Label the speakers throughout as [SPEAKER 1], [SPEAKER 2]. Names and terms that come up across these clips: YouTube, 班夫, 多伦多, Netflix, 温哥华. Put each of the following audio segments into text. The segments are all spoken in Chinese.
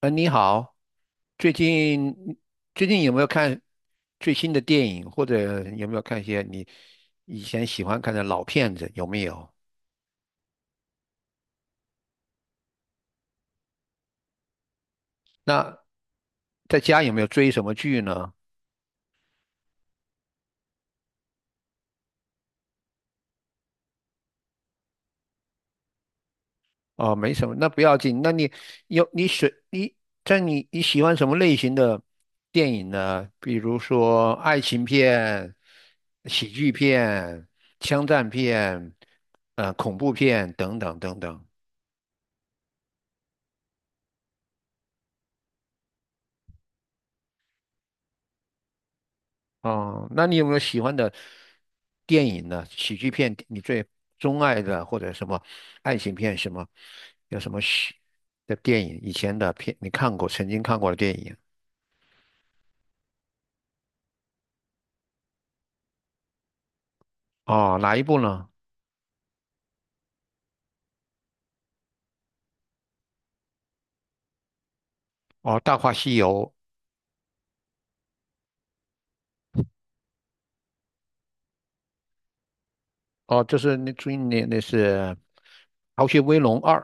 [SPEAKER 1] 嗯，你好，最近最近有没有看最新的电影，或者有没有看一些你以前喜欢看的老片子？有没有？那在家有没有追什么剧呢？哦，没什么，那不要紧。那你有你选，你在你你喜欢什么类型的电影呢？比如说爱情片、喜剧片、枪战片、恐怖片等等等等。哦，那你有没有喜欢的电影呢？喜剧片，你最钟爱的或者什么爱情片什么，有什么喜的电影？以前的片你看过，曾经看过的电影？哦，哪一部呢？哦，《大话西游》。哦，就是那最那那是《逃学威龙二》。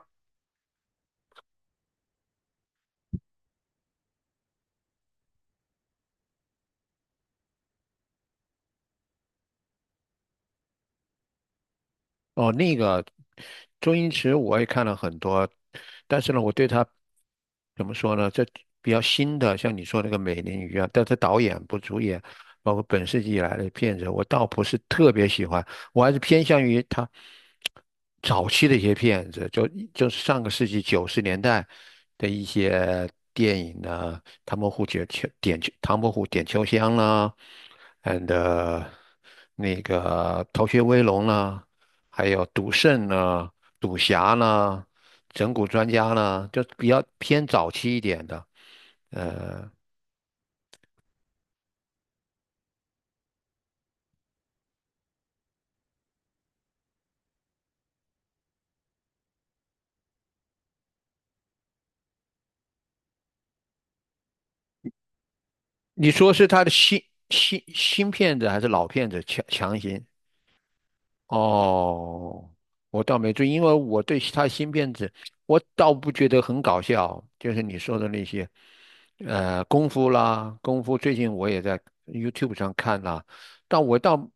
[SPEAKER 1] 哦，那个周星驰我也看了很多，但是呢，我对他怎么说呢？这比较新的，像你说那个《美人鱼》啊，但是导演不主演，包括本世纪以来的片子，我倒不是特别喜欢，我还是偏向于他早期的一些片子，就是上个世纪九十年代的一些电影呢，《唐伯虎点秋香》啦，and 呃那个《逃学威龙》啦。还有赌圣呢、赌侠呢、整蛊专家呢，就比较偏早期一点的。你说是他的新骗子还是老骗子强行？哦，我倒没注意，因为我对他新片子，我倒不觉得很搞笑，就是你说的那些，功夫啦，功夫最近我也在 YouTube 上看啦，但我倒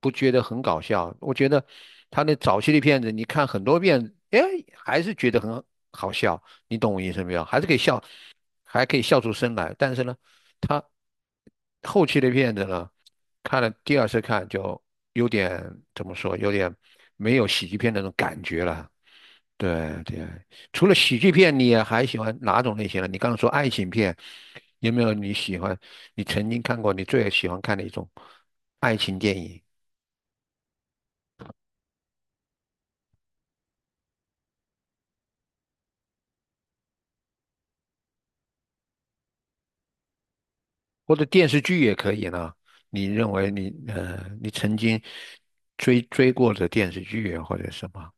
[SPEAKER 1] 不觉得很搞笑，我觉得他那早期的片子，你看很多遍，哎，还是觉得很好笑，你懂我意思没有？还是可以笑，还可以笑出声来。但是呢，他后期的片子呢，看了第二次看就有点怎么说，有点没有喜剧片那种感觉了。对对，除了喜剧片，你也还喜欢哪种类型的？你刚刚说爱情片，有没有你喜欢？你曾经看过你最喜欢看的一种爱情电影，或者电视剧也可以呢？你认为你曾经追过的电视剧啊或者什么？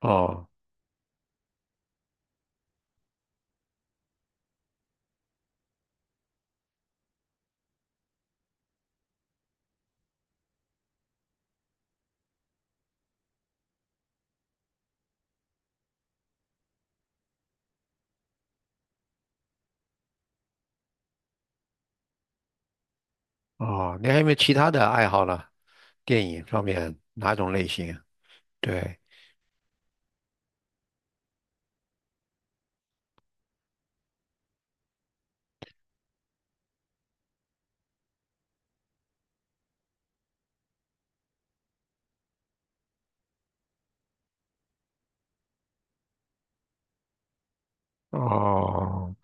[SPEAKER 1] 哦哦，你还有没有其他的爱好呢？电影方面哪种类型啊？对，哦。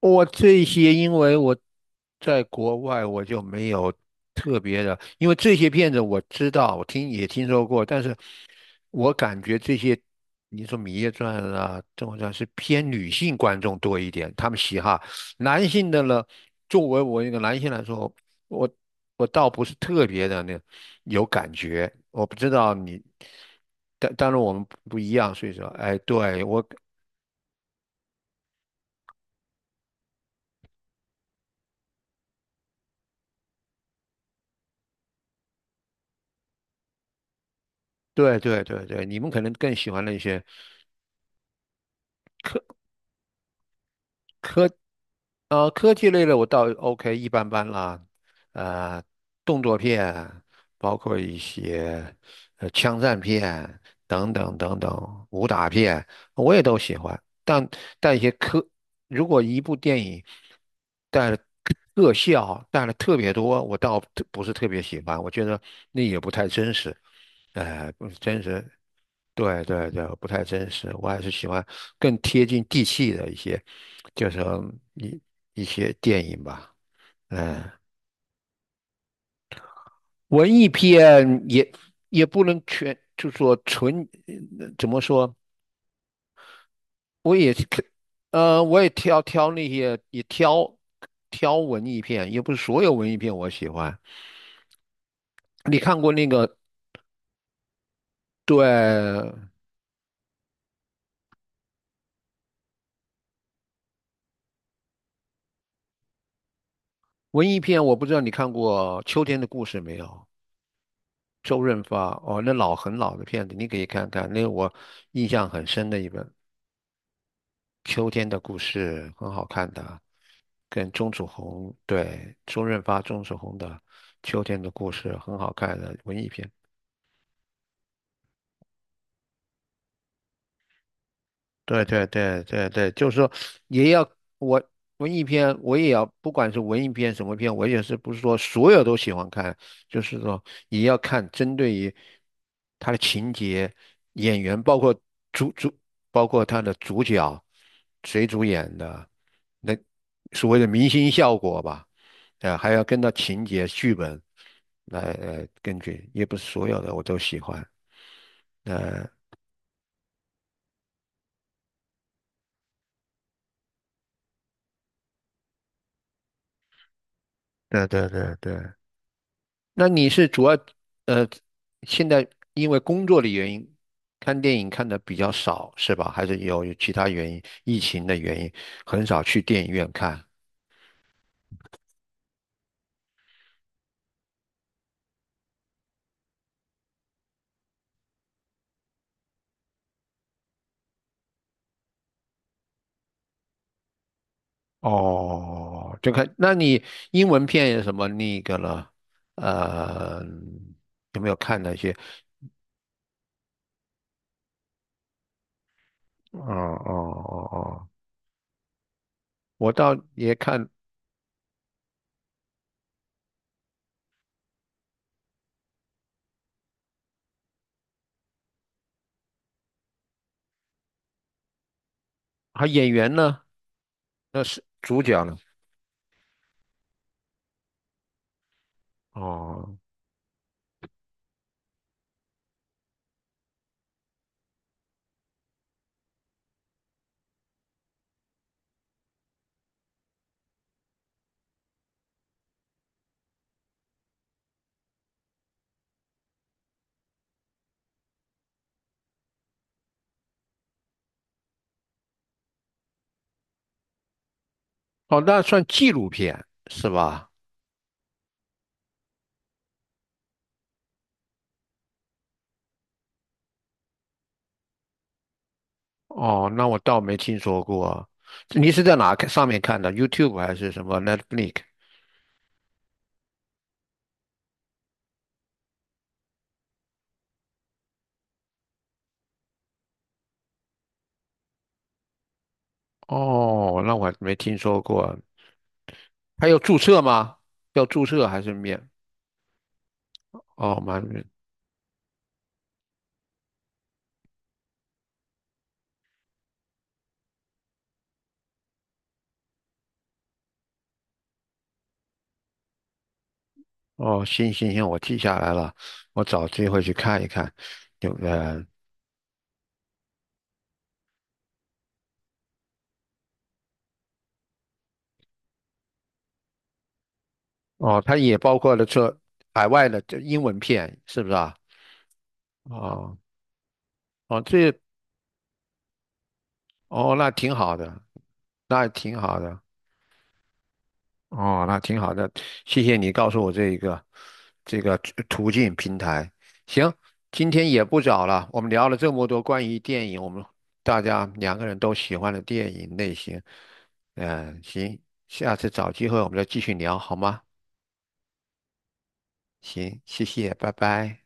[SPEAKER 1] 我这些，因为我在国外，我就没有特别的，因为这些片子我知道，我听也听说过，但是我感觉这些，你说《芈月传》啊，《甄嬛传》是偏女性观众多一点，他们喜好男性的呢，作为我一个男性来说，我我倒不是特别的那有感觉，我不知道你，但当然我们不一样，所以说，哎，对我。对对对对，你们可能更喜欢那些。科科技类的我倒 OK 一般般啦，呃，动作片，包括一些枪战片等等等等，武打片我也都喜欢。但一些如果一部电影带了特效带了特别多，我倒不是特别喜欢，我觉得那也不太真实，哎、不是真实。对对对，不太真实，我还是喜欢更贴近地气的一些。就是一一些电影吧，嗯，文艺片也不能全，就说纯，怎么说？我也是看，我也挑挑那些，也挑挑文艺片，也不是所有文艺片我喜欢。你看过那个，对，文艺片，我不知道你看过《秋天的故事》没有？周润发，哦，那很老的片子，你可以看看，那个我印象很深的一本。秋天的故事很好看的，跟钟楚红，对，周润发、钟楚红的《秋天的故事》很好看的文艺片。对对对对对，就是说也要我文艺片，我也要不管是文艺片什么片，我也是不是说所有都喜欢看，就是说也要看针对于他的情节、演员，主主，包括他的主角谁主演的，那所谓的明星效果吧，啊，还要跟到情节、剧本来根据，也不是所有的我都喜欢。对对对对。那你是主要呃，现在因为工作的原因，看电影看的比较少是吧？还是有其他原因，疫情的原因，很少去电影院看。哦，就看，那你英文片有什么那个了？呃，有没有看那些？哦哦哦哦，我倒也看，还演员呢？那是主角呢？哦哦，那算纪录片是吧？哦，那我倒没听说过啊，你是在哪看上面看的？YouTube 还是什么 Netflix？哦，那我没听说过。还有注册吗？要注册还是免？哦，蛮免。哦，行行行，我记下来了，我找机会去看一看。有，哦，它也包括了这海外的这英文片，是不是啊？哦哦，哦，那挺好的，那挺好的。哦，那挺好的，谢谢你告诉我这个途径平台。行，今天也不早了，我们聊了这么多关于电影，我们大家两个人都喜欢的电影类型。嗯，行，下次找机会我们再继续聊好吗？行，谢谢，拜拜。